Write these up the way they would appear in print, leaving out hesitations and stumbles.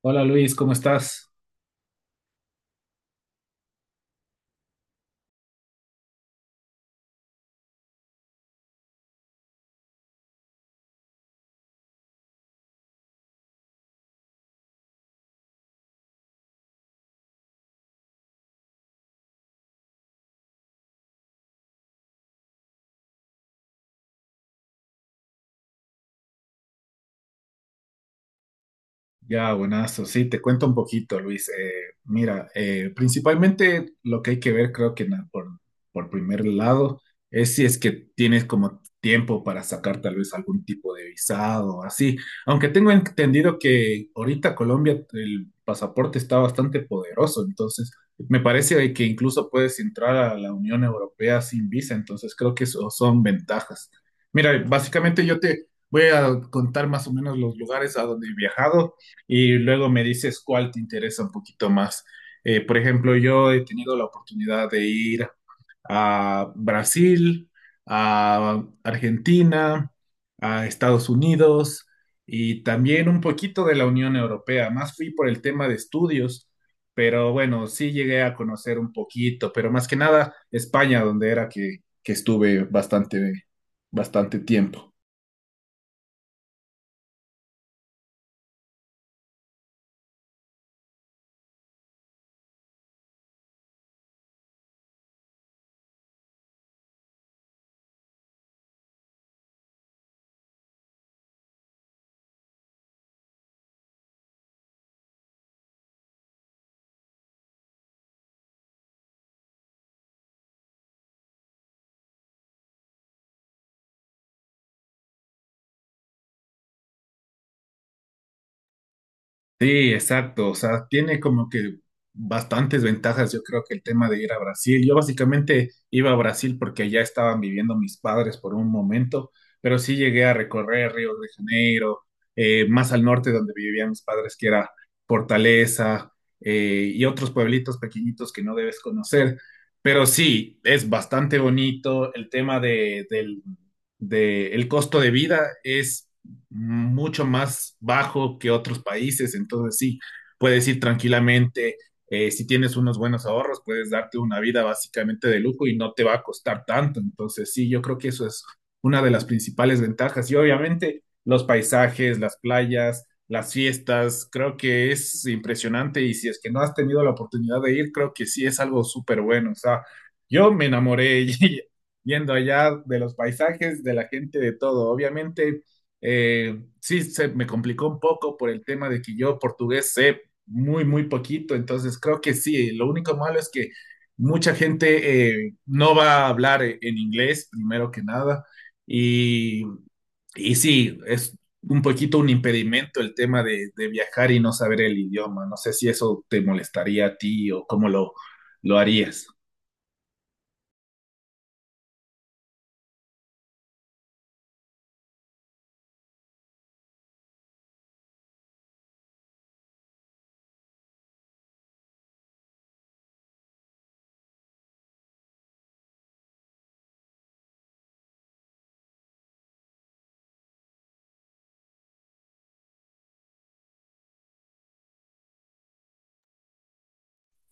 Hola Luis, ¿cómo estás? Ya, buenazo. Sí, te cuento un poquito, Luis. Mira, principalmente lo que hay que ver, creo que por primer lado, es si es que tienes como tiempo para sacar tal vez algún tipo de visado o así. Aunque tengo entendido que ahorita Colombia el pasaporte está bastante poderoso, entonces me parece que incluso puedes entrar a la Unión Europea sin visa, entonces creo que eso son ventajas. Mira, básicamente yo te voy a contar más o menos los lugares a donde he viajado y luego me dices cuál te interesa un poquito más. Por ejemplo, yo he tenido la oportunidad de ir a Brasil, a Argentina, a Estados Unidos y también un poquito de la Unión Europea. Más fui por el tema de estudios, pero bueno, sí llegué a conocer un poquito, pero más que nada España, donde era que estuve bastante, bastante tiempo. Sí, exacto. O sea, tiene como que bastantes ventajas. Yo creo que el tema de ir a Brasil. Yo básicamente iba a Brasil porque allá estaban viviendo mis padres por un momento, pero sí llegué a recorrer Río de Janeiro, más al norte donde vivían mis padres, que era Fortaleza, y otros pueblitos pequeñitos que no debes conocer. Pero sí, es bastante bonito. El tema de, el costo de vida es mucho más bajo que otros países, entonces sí, puedes ir tranquilamente, si tienes unos buenos ahorros, puedes darte una vida básicamente de lujo y no te va a costar tanto, entonces sí, yo creo que eso es una de las principales ventajas y obviamente los paisajes, las playas, las fiestas, creo que es impresionante y si es que no has tenido la oportunidad de ir, creo que sí es algo súper bueno, o sea, yo me enamoré yendo allá de los paisajes, de la gente, de todo, obviamente sí, se me complicó un poco por el tema de que yo portugués sé muy, muy poquito, entonces creo que sí, lo único malo es que mucha gente no va a hablar en inglés, primero que nada, y, y sí, es un poquito un impedimento el tema de viajar y no saber el idioma. No sé si eso te molestaría a ti o cómo lo harías.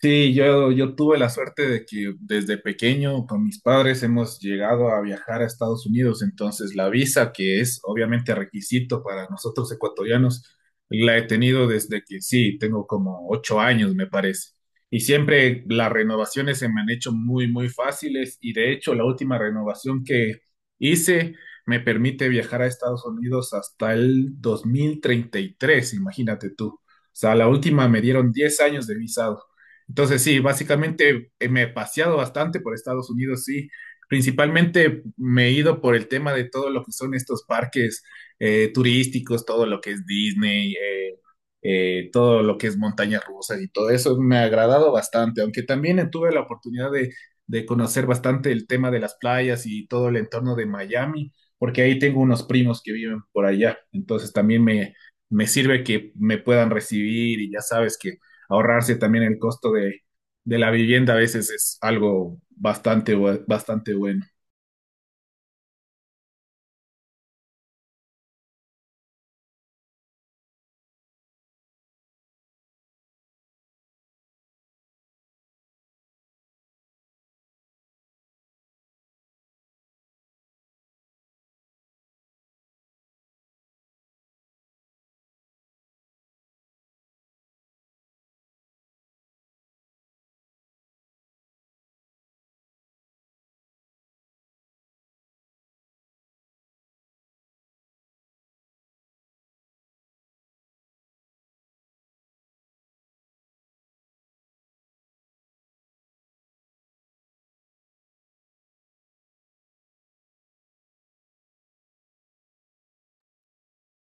Sí, yo tuve la suerte de que desde pequeño con mis padres hemos llegado a viajar a Estados Unidos, entonces la visa, que es obviamente requisito para nosotros ecuatorianos, la he tenido desde que sí, tengo como 8 años, me parece. Y siempre las renovaciones se me han hecho muy, muy fáciles y de hecho la última renovación que hice me permite viajar a Estados Unidos hasta el 2033. Imagínate tú. O sea, la última me dieron 10 años de visado. Entonces, sí, básicamente me he paseado bastante por Estados Unidos, sí. Principalmente me he ido por el tema de todo lo que son estos parques turísticos, todo lo que es Disney, todo lo que es montañas rusas y todo eso me ha agradado bastante, aunque también tuve la oportunidad de conocer bastante el tema de las playas y todo el entorno de Miami, porque ahí tengo unos primos que viven por allá, entonces también me sirve que me puedan recibir y ya sabes que ahorrarse también el costo de la vivienda a veces es algo bastante, bastante bueno.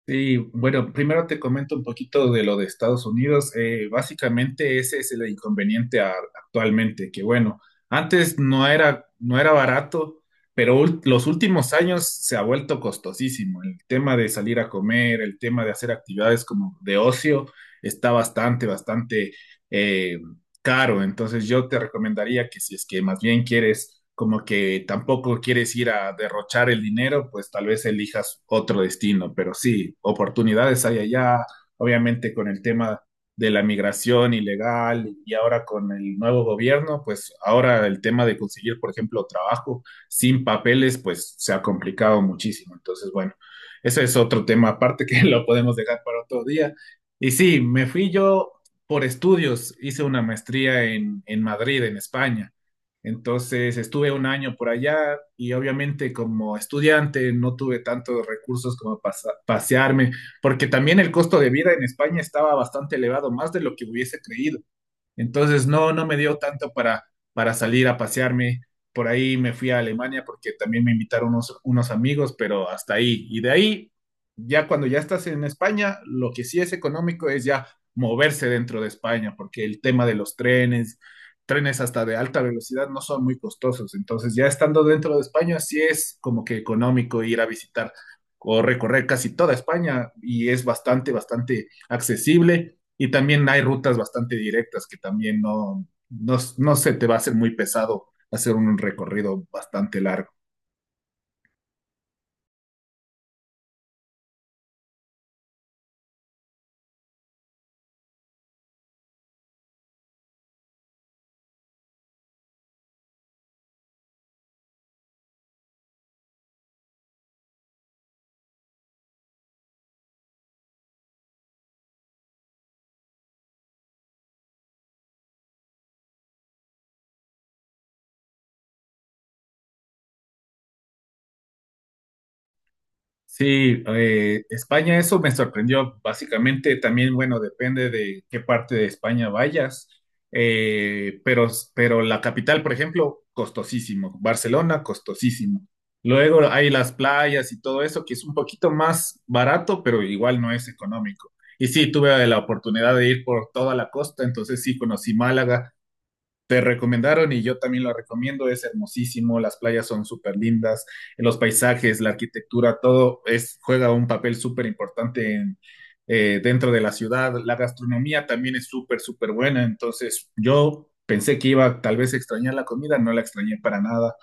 Sí, bueno, primero te comento un poquito de lo de Estados Unidos. Básicamente ese es el inconveniente actualmente, que bueno, antes no no era barato, pero los últimos años se ha vuelto costosísimo. El tema de salir a comer, el tema de hacer actividades como de ocio, está bastante, bastante eh, caro. Entonces yo te recomendaría que si es que más bien quieres, como que tampoco quieres ir a derrochar el dinero, pues tal vez elijas otro destino. Pero sí, oportunidades hay allá, obviamente con el tema de la migración ilegal y ahora con el nuevo gobierno, pues ahora el tema de conseguir, por ejemplo, trabajo sin papeles, pues se ha complicado muchísimo. Entonces, bueno, ese es otro tema aparte que lo podemos dejar para otro día. Y sí, me fui yo por estudios hice una maestría en Madrid, en España. Entonces estuve un año por allá y obviamente como estudiante no tuve tantos recursos como pasearme, porque también el costo de vida en España estaba bastante elevado, más de lo que hubiese creído. Entonces no, no me dio tanto para salir a pasearme. Por ahí me fui a Alemania porque también me invitaron unos amigos, pero hasta ahí. Y de ahí, ya cuando ya estás en España, lo que sí es económico es ya moverse dentro de España, porque el tema de los trenes hasta de alta velocidad no son muy costosos. Entonces ya estando dentro de España, sí es como que económico ir a visitar o recorrer casi toda España y es bastante, bastante accesible y también hay rutas bastante directas que también no se te va a hacer muy pesado hacer un recorrido bastante largo. Sí, España, eso me sorprendió. Básicamente, también, bueno, depende de qué parte de España vayas, Eh, pero, pero la capital, por ejemplo, costosísimo. Barcelona, costosísimo. Luego hay las playas y todo eso, que es un poquito más barato, pero igual no es económico. Y sí, tuve la oportunidad de ir por toda la costa, entonces sí conocí Málaga, te recomendaron y yo también lo recomiendo, es hermosísimo, las playas son súper lindas, los paisajes, la arquitectura, todo es, juega un papel súper importante en, dentro de la ciudad, la gastronomía también es súper, súper buena, entonces yo pensé que iba tal vez a extrañar la comida, no la extrañé para nada,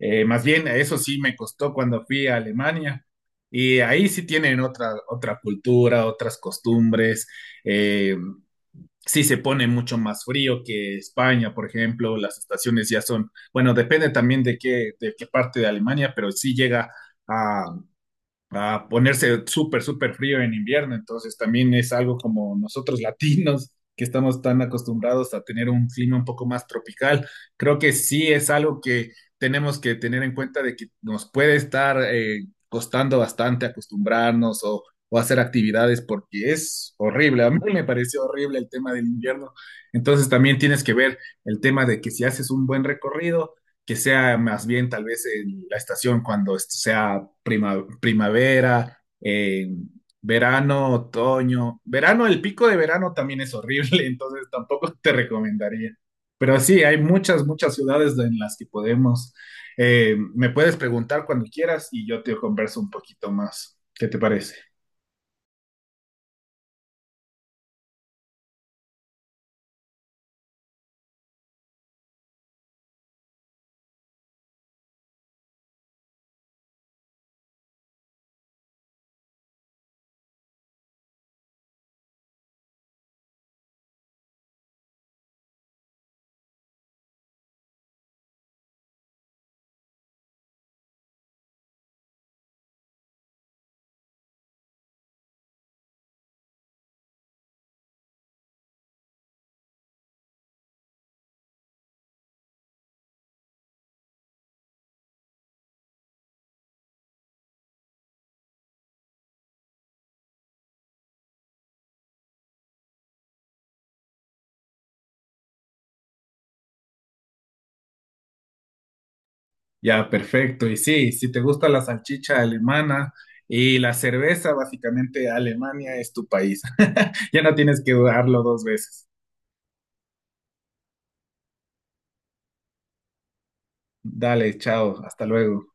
Más bien eso sí me costó cuando fui a Alemania. Y ahí sí tienen otra cultura, otras costumbres. Eh, sí se pone mucho más frío que España, por ejemplo, las estaciones ya son, bueno, depende también de qué parte de Alemania, pero sí llega a a ponerse súper, súper frío en invierno. Entonces también es algo como nosotros latinos, que estamos tan acostumbrados a tener un clima un poco más tropical. Creo que sí es algo que tenemos que tener en cuenta de que nos puede estar costando bastante acostumbrarnos o hacer actividades porque es horrible. A mí me pareció horrible el tema del invierno. Entonces también tienes que ver el tema de que si haces un buen recorrido, que sea más bien tal vez en la estación cuando esto sea primavera, verano, otoño. Verano, el pico de verano también es horrible, entonces tampoco te recomendaría. Pero sí, hay muchas, muchas ciudades en las que podemos. Me puedes preguntar cuando quieras y yo te converso un poquito más. ¿Qué te parece? Ya, perfecto. Y sí, si te gusta la salchicha alemana y la cerveza, básicamente Alemania es tu país. Ya no tienes que dudarlo dos veces. Dale, chao, hasta luego.